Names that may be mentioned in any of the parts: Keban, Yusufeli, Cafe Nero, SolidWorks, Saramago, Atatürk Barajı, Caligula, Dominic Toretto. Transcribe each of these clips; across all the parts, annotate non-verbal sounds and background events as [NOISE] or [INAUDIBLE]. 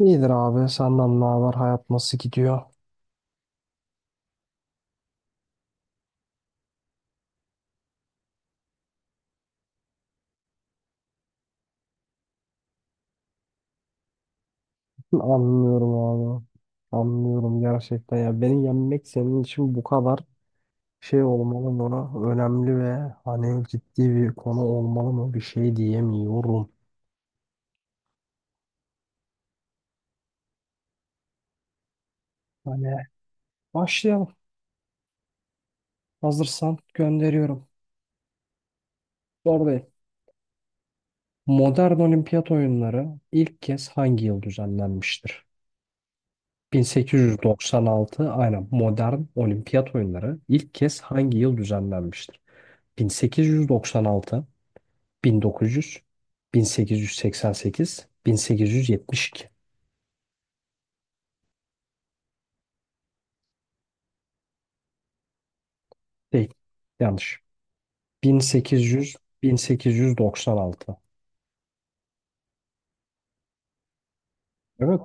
İyidir abi. Senden ne haber? Hayat nasıl gidiyor? [LAUGHS] Anlıyorum abi. Anlıyorum gerçekten ya. Beni yenmek senin için bu kadar şey olmalı mı? Önemli ve hani ciddi bir konu olmalı mı? Bir şey diyemiyorum. Hani başlayalım. Hazırsan gönderiyorum. Oradayım. Modern Olimpiyat oyunları ilk kez hangi yıl düzenlenmiştir? 1896, aynen. Modern olimpiyat oyunları ilk kez hangi yıl düzenlenmiştir? 1896, 1900, 1888, 1872. Değil. Yanlış. 1800, 1896. Evet.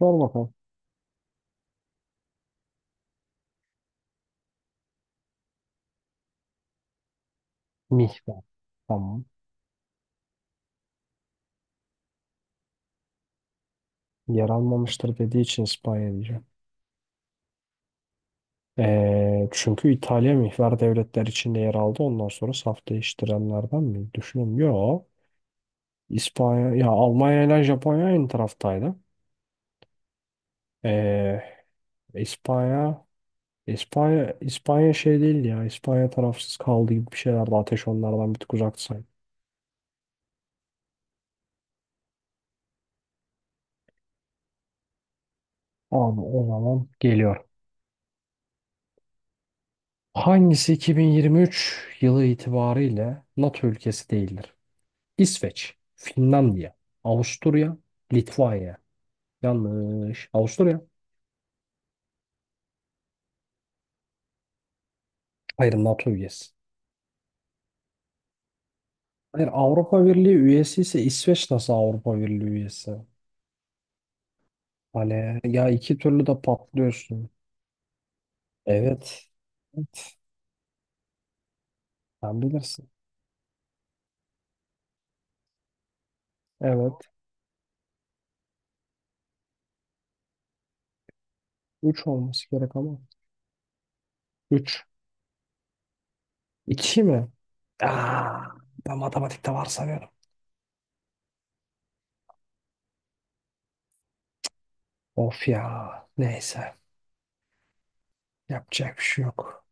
Sor bakalım. Mihver. Tamam. Yer almamıştır dediği için İspanya diyeceğim. Çünkü İtalya mihver devletler içinde yer aldı. Ondan sonra saf değiştirenlerden mi? Düşünün. Yok. İspanya, ya Almanya ile Japonya aynı taraftaydı. Ee, İspanya İspanya şey değil ya. İspanya tarafsız kaldı gibi bir şeylerdi. Ateş onlardan bir tık uzaktı sanki. Abi o zaman geliyor. Hangisi 2023 yılı itibariyle NATO ülkesi değildir? İsveç, Finlandiya, Avusturya, Litvanya. Yanlış. Avusturya. Hayır, NATO üyesi. Hayır, Avrupa Birliği üyesi ise İsveç nasıl Avrupa Birliği üyesi? Hani ya, iki türlü de patlıyorsun. Evet. Evet. Sen bilirsin. Evet. Üç olması gerek ama. 3. 2 mi? Aa, ben matematikte var sanıyorum. Of ya. Neyse. Yapacak bir şey yok.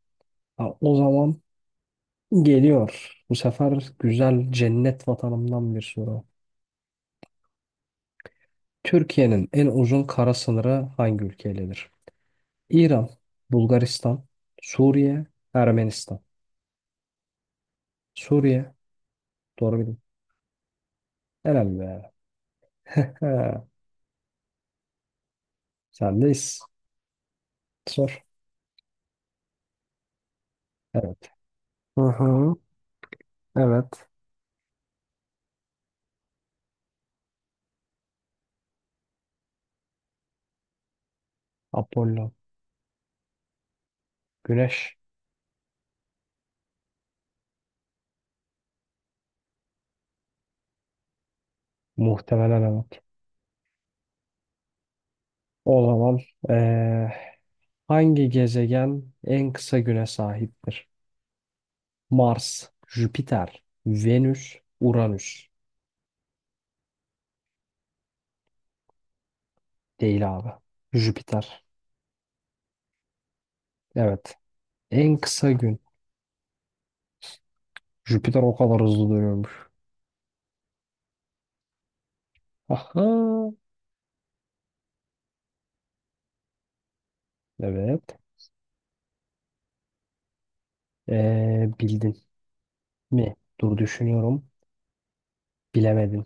Ha, o zaman geliyor. Bu sefer güzel cennet vatanımdan bir soru. Türkiye'nin en uzun kara sınırı hangi ülkeyledir? İran, Bulgaristan, Suriye, Ermenistan. Suriye. Doğru bildim. Helal be. [LAUGHS] Sendeyiz. Sor. Evet. Hı hı. Evet. Apollo. Güneş. Muhtemelen. O zaman eee, hangi gezegen en kısa güne sahiptir? Mars, Jüpiter, Venüs, Uranüs. Değil abi. Jüpiter. Evet. En kısa gün. Jüpiter o kadar hızlı dönüyormuş. Aha. Evet. Bildin mi? Dur düşünüyorum. Bilemedin.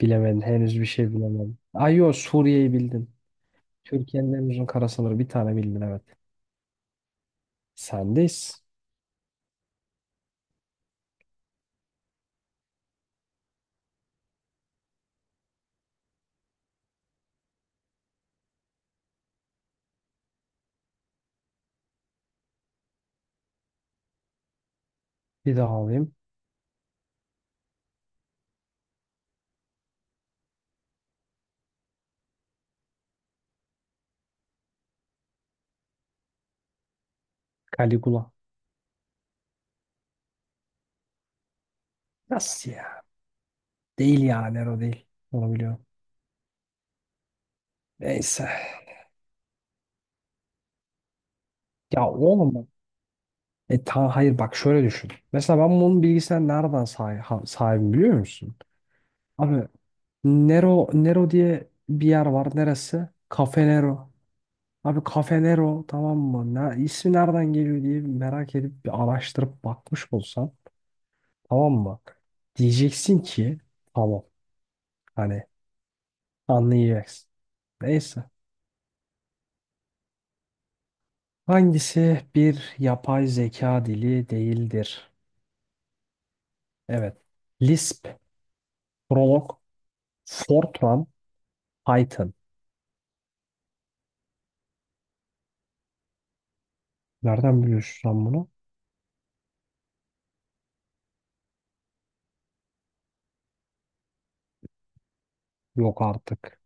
Bilemedin. Henüz bir şey bilemedin. Ay yo, Suriye'yi bildin. Türkiye'nin en uzun kara sınırı, bir tane bildin evet. Sendeyiz. Bir daha alayım. Caligula. Nasıl ya? Değil ya, Nero değil. Onu biliyorum. Neyse. Ya oğlum bak. E ta hayır bak, şöyle düşün. Mesela ben bunun bilgisayar nereden sahibim biliyor musun? Abi Nero Nero diye bir yer var. Neresi? Cafe Nero. Abi Cafe Nero, tamam mı? İsmi nereden geliyor diye merak edip bir araştırıp bakmış olsan, tamam mı? Diyeceksin ki tamam, hani, anlayacaksın. Neyse. Hangisi bir yapay zeka dili değildir? Evet. Lisp, Prolog, Fortran, Python. Nereden biliyorsun sen bunu? Yok artık.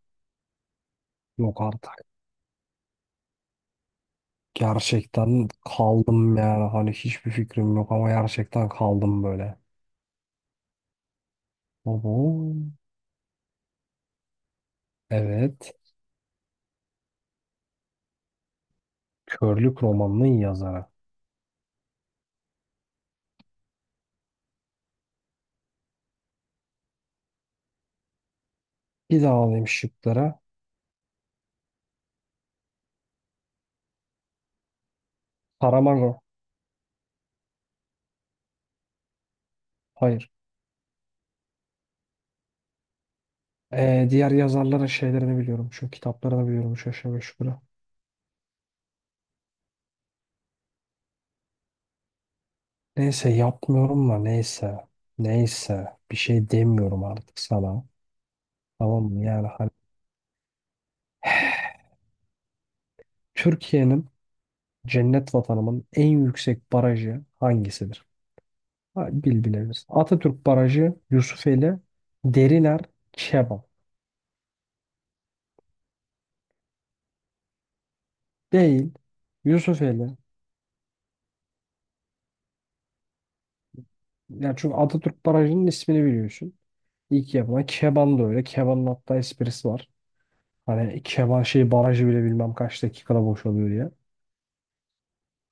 Yok artık. Gerçekten kaldım yani. Hani hiçbir fikrim yok ama gerçekten kaldım böyle. Oho. Evet. Körlük romanının yazarı. Bir daha alayım şıklara. Saramago. Hayır. Diğer yazarların şeylerini biliyorum. Şu kitaplarını biliyorum. Üç aşağı beş yukarı. Neyse, yapmıyorum da neyse. Neyse. Bir şey demiyorum artık sana. Tamam mı? Yani hani Türkiye'nin, cennet vatanımın en yüksek barajı hangisidir? Ha, bilebilirsin. Atatürk Barajı, Yusufeli, Deriler, Keban. Değil. Yusufeli. Yani çünkü Atatürk Barajı'nın ismini biliyorsun. İlk yapılan Keban da öyle. Keban'ın hatta esprisi var. Hani Keban şey barajı bile bilmem kaç dakikada boşalıyor diye.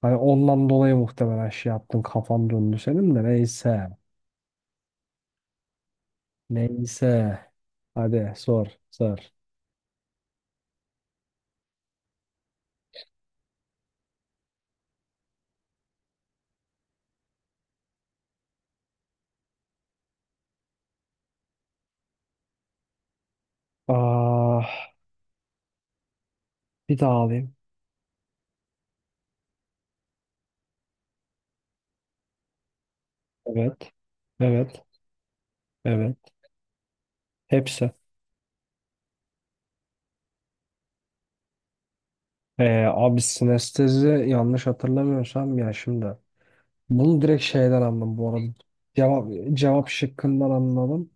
Hani ondan dolayı muhtemelen şey yaptın, kafan döndü senin de, neyse. Neyse. Hadi sor sor. Aa, Bir daha alayım. Evet, evet, evet. Hepsi. Abi sinestezi, yanlış hatırlamıyorsam ya, şimdi. Bunu direkt şeyden anladım bu arada. Cevap, cevap şıkkından anladım.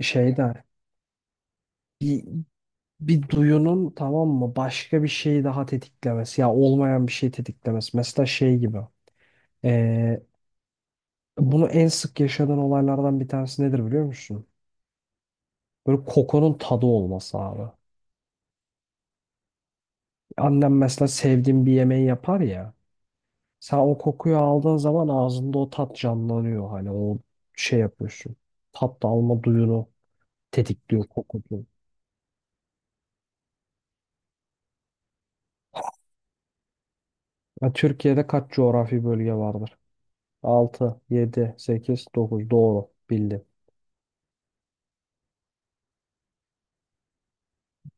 Şeyden. Bir, bir duyunun, tamam mı, başka bir şeyi daha tetiklemesi. Ya olmayan bir şey tetiklemesi. Mesela şey gibi. Ee, bunu en sık yaşadığın olaylardan bir tanesi nedir biliyor musun? Böyle kokunun tadı olması abi. Annem mesela sevdiğim bir yemeği yapar ya. Sen o kokuyu aldığın zaman ağzında o tat canlanıyor. Hani o şey yapıyorsun. Tat alma duyunu tetikliyor koku. Ya Türkiye'de kaç coğrafi bölge vardır? 6, 7, 8, dokuz. Doğru. Bildim.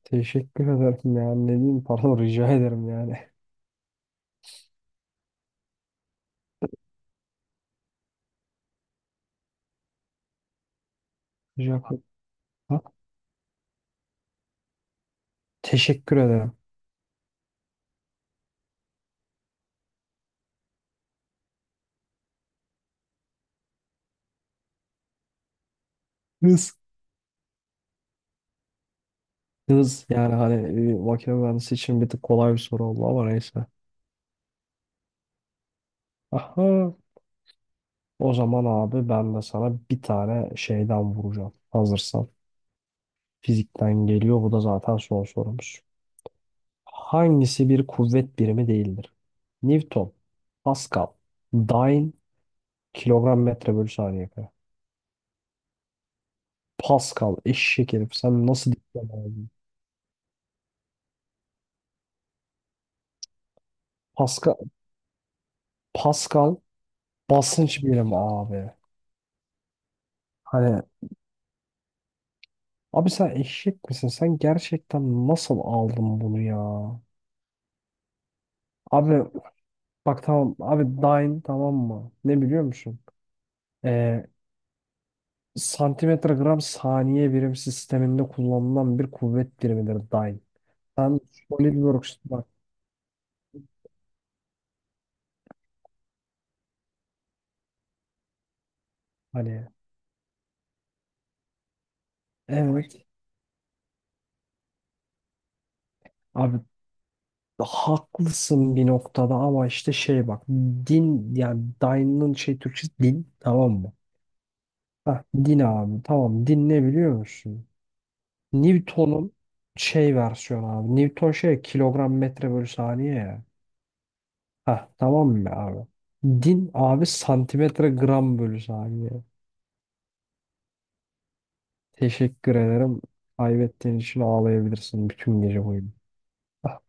Teşekkür ederim yani. Ne diyeyim? Pardon, [LAUGHS] rica ederim yani. [LAUGHS] Rica Ha? Teşekkür ederim. Hız. Hız. Yani hani makine mühendisi için bir tık kolay bir soru oldu ama neyse. Aha. O zaman abi ben de sana bir tane şeyden vuracağım. Hazırsan. Fizikten geliyor. Bu da zaten son sorumuz. Hangisi bir kuvvet birimi değildir? Newton, Pascal, Dyne, kilogram metre bölü saniye kare. Pascal, eşek herif. Sen nasıl dikkat abi? Pascal, Pascal basınç birimi abi. Hani abi sen eşek misin? Sen gerçekten nasıl aldın bunu ya? Abi bak tamam. Abi Dyne, tamam mı? Ne biliyor musun? Ee, santimetre gram saniye birim sisteminde kullanılan bir kuvvet birimidir dyne. Sen SolidWorks bak, hani evet abi haklısın bir noktada ama işte şey bak, din, yani dyne'ın şey Türkçesi din, tamam mı? Heh, din abi, tamam, din ne biliyor musun? Newton'un şey versiyonu abi. Newton şey kilogram metre bölü saniye ya. Heh, tamam mı abi? Din abi, santimetre gram bölü saniye. Teşekkür ederim. Kaybettiğin için ağlayabilirsin bütün gece boyunca. Aha.